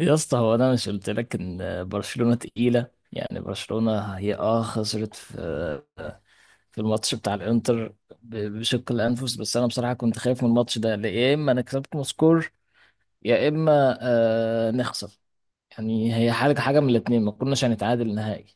يا اسطى، هو انا مش قلت لك ان برشلونة تقيلة؟ يعني برشلونة هي خسرت في الماتش بتاع الانتر، بشق الانفس. بس انا بصراحة كنت خايف من الماتش ده، لا يا اما نكسبكم سكور، يا اما نخسر. يعني هي حاجة حاجة من الاتنين، ما كناش هنتعادل نهائي.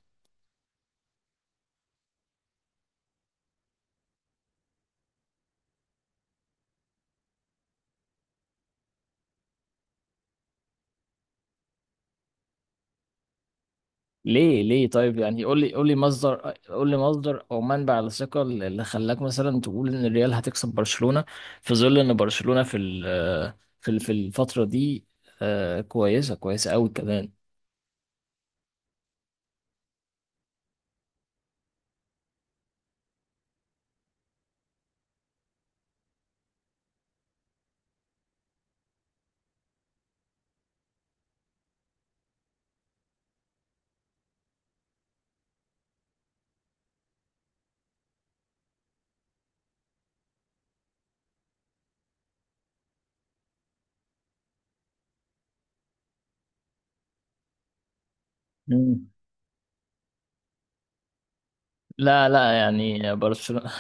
ليه طيب؟ يعني قول لي مصدر او منبع الثقة اللي خلاك مثلا تقول ان الريال هتكسب برشلونة، في ظل ان برشلونة في الفترة دي. كويسة كويسة قوي كمان. مم. لا، لا، يعني برشلونة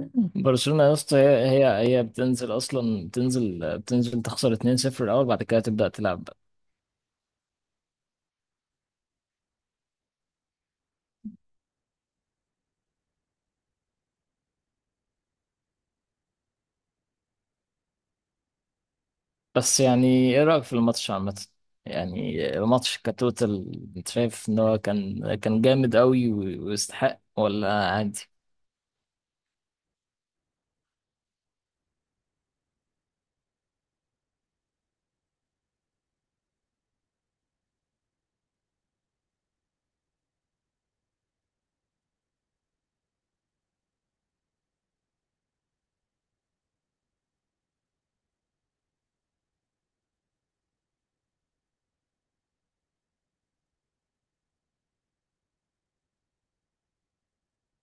برشلونة يا اسطى هي بتنزل اصلا بتنزل بتنزل تخسر 2-0 الاول، بعد كده تبدأ تلعب. بس يعني ايه رأيك في الماتش عامة؟ يعني الماتش كتوتال، انت شايف ان هو كان جامد قوي ويستحق، ولا عادي؟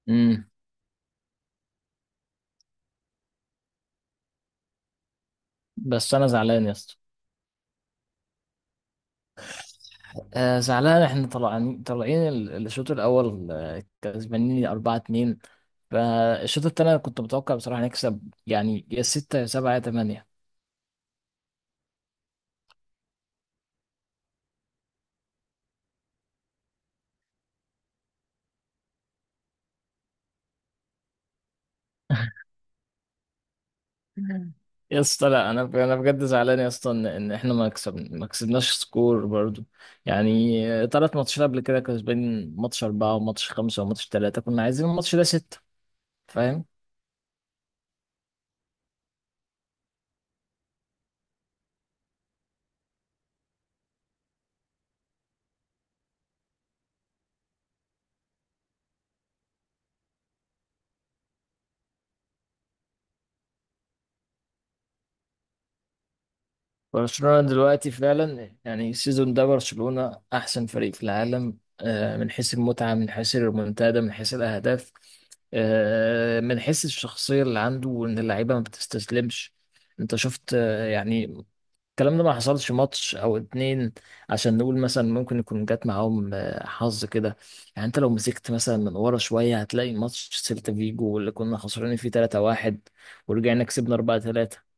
امم بس انا زعلان يا اسطى. زعلان، احنا طالعين الشوط الاول كسبانين 4-2. فالشوط التاني أنا كنت متوقع بصراحة نكسب، يعني يا 6 يا 7 يا 8. يا اسطى لا، انا بجد زعلان يا اسطى ان إن احنا ما كسبناش سكور برضو. يعني ثلاث ماتشات قبل كده كسبان، ماتش أربعة وماتش خمسة وماتش ثلاثة، كنا عايزين الماتش ده ستة. فاهم؟ برشلونة دلوقتي فعلا يعني السيزون ده برشلونة أحسن فريق في العالم، من حيث المتعة، من حيث الريمونتادا، من حيث الأهداف، من حيث الشخصية اللي عنده، وإن اللعيبة ما بتستسلمش. أنت شفت يعني الكلام ده ما حصلش ماتش او اتنين عشان نقول مثلا ممكن يكون جات معاهم حظ كده. يعني انت لو مسكت مثلا من ورا شويه هتلاقي ماتش سيلتا فيجو اللي كنا خسرانين فيه 3-1 ورجعنا كسبنا 4-3.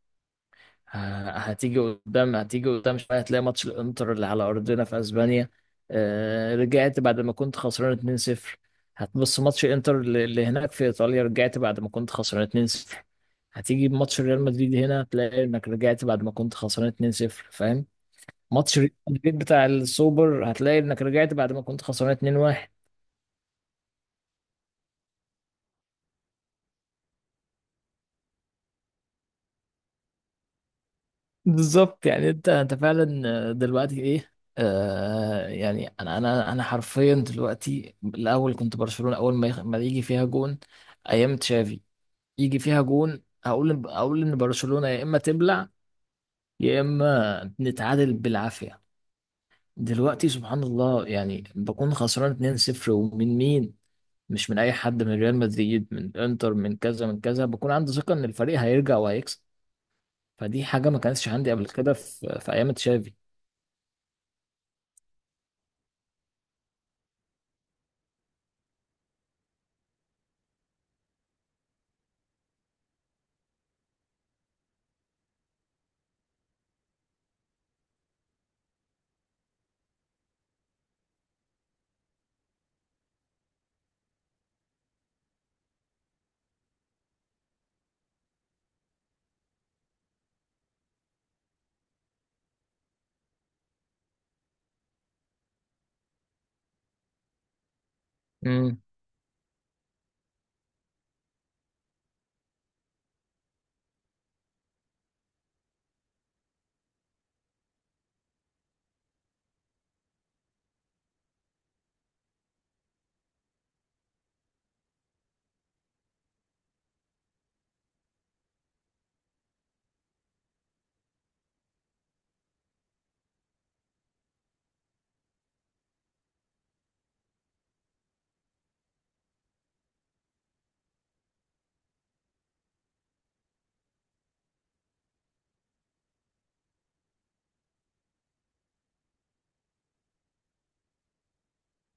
هتيجي قدام، شويه هتلاقي ماتش الانتر اللي على ارضنا في اسبانيا رجعت بعد ما كنت خسران 2-0. هتبص ماتش انتر اللي هناك في ايطاليا، رجعت بعد ما كنت خسران 2-0. هتيجي بماتش ريال مدريد هنا، تلاقي انك رجعت بعد ما كنت خسران 2-0، فاهم؟ ماتش ريال مدريد بتاع السوبر هتلاقي انك رجعت بعد ما كنت خسران 2-1. بالظبط، يعني انت فعلا. دلوقتي ايه؟ يعني انا حرفيا دلوقتي، الاول كنت برشلونة، اول ما ما يجي فيها جون ايام تشافي، يجي فيها جون اقول ان برشلونة يا اما تبلع، يا اما نتعادل بالعافية. دلوقتي سبحان الله، يعني بكون خسران 2-0 ومن مين؟ مش من اي حد، من ريال مدريد، من انتر، من كذا من كذا، بكون عندي ثقه ان الفريق هيرجع وهيكسب. فدي حاجه ما كانتش عندي قبل كده في ايام تشافي. امم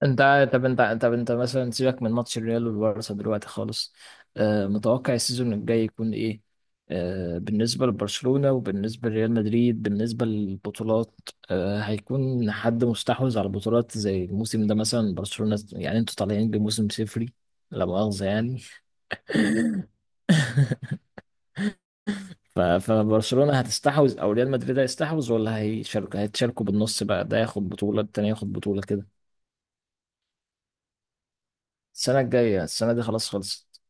انت طب، انت مثلا سيبك من ماتش الريال والبارسا دلوقتي خالص. متوقع السيزون الجاي يكون ايه؟ بالنسبه لبرشلونه وبالنسبه لريال مدريد، بالنسبه للبطولات هيكون حد مستحوذ على البطولات زي الموسم ده؟ مثلا برشلونه يعني انتوا طالعين بموسم صفري، لا مؤاخذه يعني. فبرشلونة هتستحوذ، او ريال مدريد هيستحوذ، ولا هيتشاركوا بالنص بقى، ده ياخد بطولة التاني ياخد بطولة كده؟ السنة الجاية، السنة دي خلاص خلصت.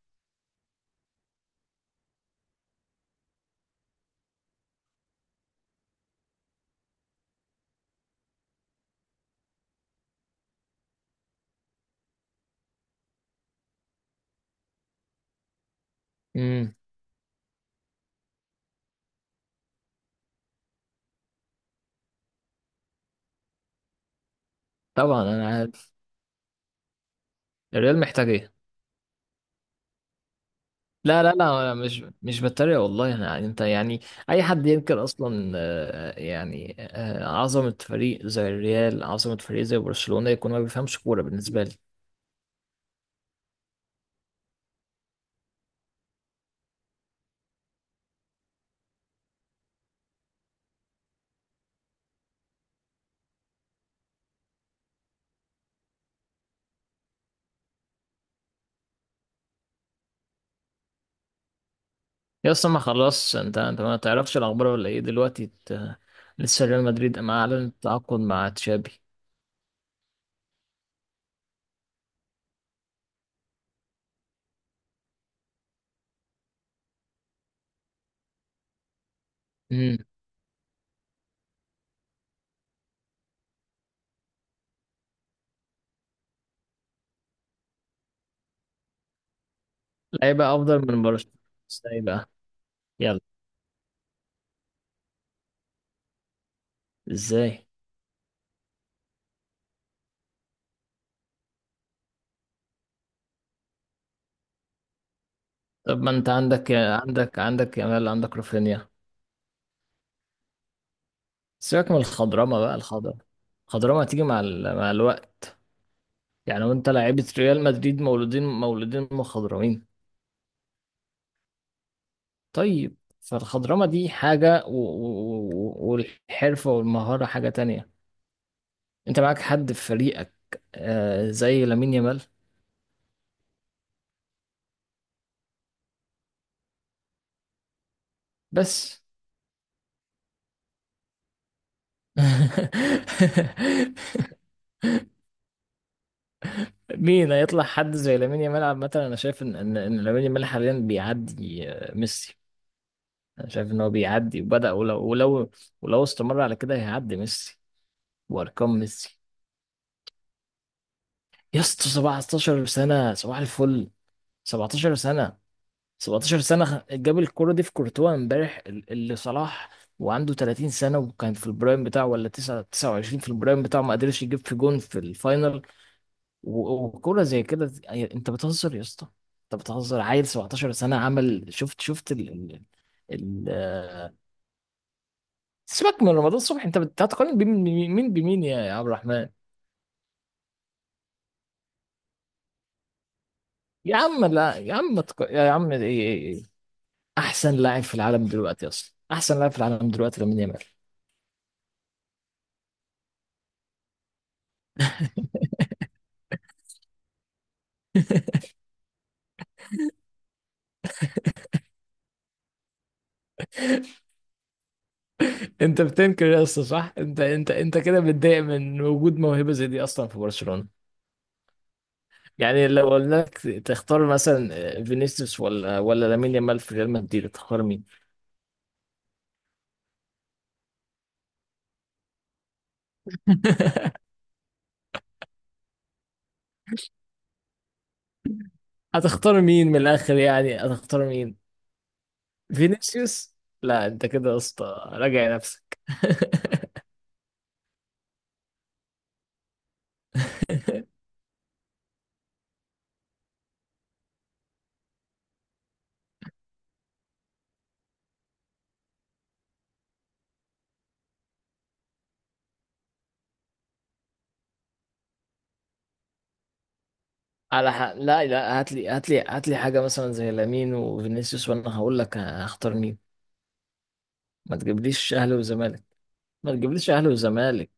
امم طبعا انا عارف. الريال محتاج ايه؟ لا، لا، لا، انا مش بتريق والله. انا يعني، انت يعني، اي حد ينكر اصلا عظمة فريق زي الريال، عظمة فريق زي برشلونة، يكون ما بيفهمش كورة بالنسبة لي. يا اصلا ما خلاص، انت ما تعرفش الاخبار ولا ايه دلوقتي لسه ريال مدريد ما اعلن التعاقد مع تشابي؟ لعيبة أفضل من برشلونة؟ ازاي بقى؟ يلا، ازاي؟ طب ما انت عندك، يامال، عندك رافينيا. سيبك من الخضرمة بقى. الخضرمة هتيجي مع مع الوقت. يعني وانت لعيبة ريال مدريد مولودين مولودين مخضرمين؟ طيب فالخضرمة دي حاجة، والحرفة والمهارة حاجة تانية. انت معاك حد في فريقك زي لامين يامال؟ بس. مين هيطلع حد زي لامين يامال؟ عامة أنا شايف إن لامين يامال حاليا بيعدي ميسي. أنا شايف إن هو بيعدي وبدأ، ولو استمر على كده هيعدي ميسي وأرقام ميسي. يا اسطى 17 سنة صباح الفل. 17 سنة. 17 سنة جاب الكرة دي في كورتوا امبارح، اللي صلاح وعنده 30 سنة وكان في البرايم بتاعه، ولا 9 29 في البرايم بتاعه، ما قدرش يجيب في جون في الفاينل. وكرة زي كده انت بتهزر يا اسطى. انت بتهزر، عيل 17 سنة عمل شفت شفت ال ال ال آه، سيبك من رمضان الصبح، هتقارن بمين يا عبد الرحمن؟ يا عم لا يا عم، ما تق... يا عم ايه، ايه، ايه، ايه. احسن لاعب في العالم دلوقتي اصلا، احسن لاعب في العالم دلوقتي لامين يامال. انت بتنكر يا اسطى؟ صح، انت كده متضايق من وجود موهبة زي دي اصلا في برشلونة؟ يعني لو قلنا لك تختار مثلا فينيسيوس ولا لامين يامال، في ريال مدريد تختار مين؟ هتختار مين من الاخر؟ يعني هتختار مين؟ فينيسيوس. لا انت كده يا اسطى، راجع نفسك. على حق. لا، لا، هات لي حاجه مثلا زي لامين وفينيسيوس، وانا هقول لك هختار مين. ما تجيبليش اهلي وزمالك، ما تجيبليش اهلي وزمالك.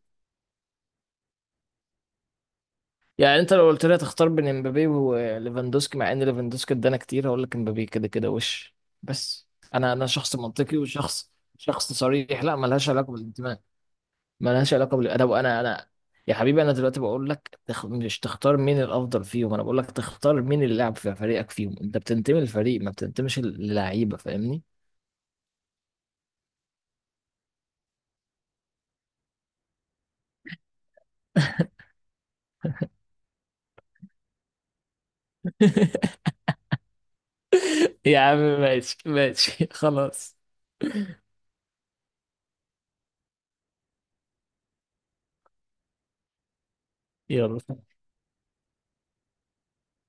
يعني انت لو قلت لي هتختار بين امبابي وليفاندوسكي، مع ان ليفاندوسكي ادانا كتير، هقول لك امبابي. كده كده، وش بس. انا شخص منطقي، وشخص صريح، لا ملهاش علاقه بالانتماء. ما لهاش علاقه بالادب. انا انا يا حبيبي، انا دلوقتي بقول لك مش تختار مين الافضل فيهم، انا بقول لك تختار مين اللي لعب في فريقك فيهم. انت بتنتمي للفريق، ما بتنتميش للعيبه، فاهمني؟ يا عم ماشي، ماشي خلاص. يلا.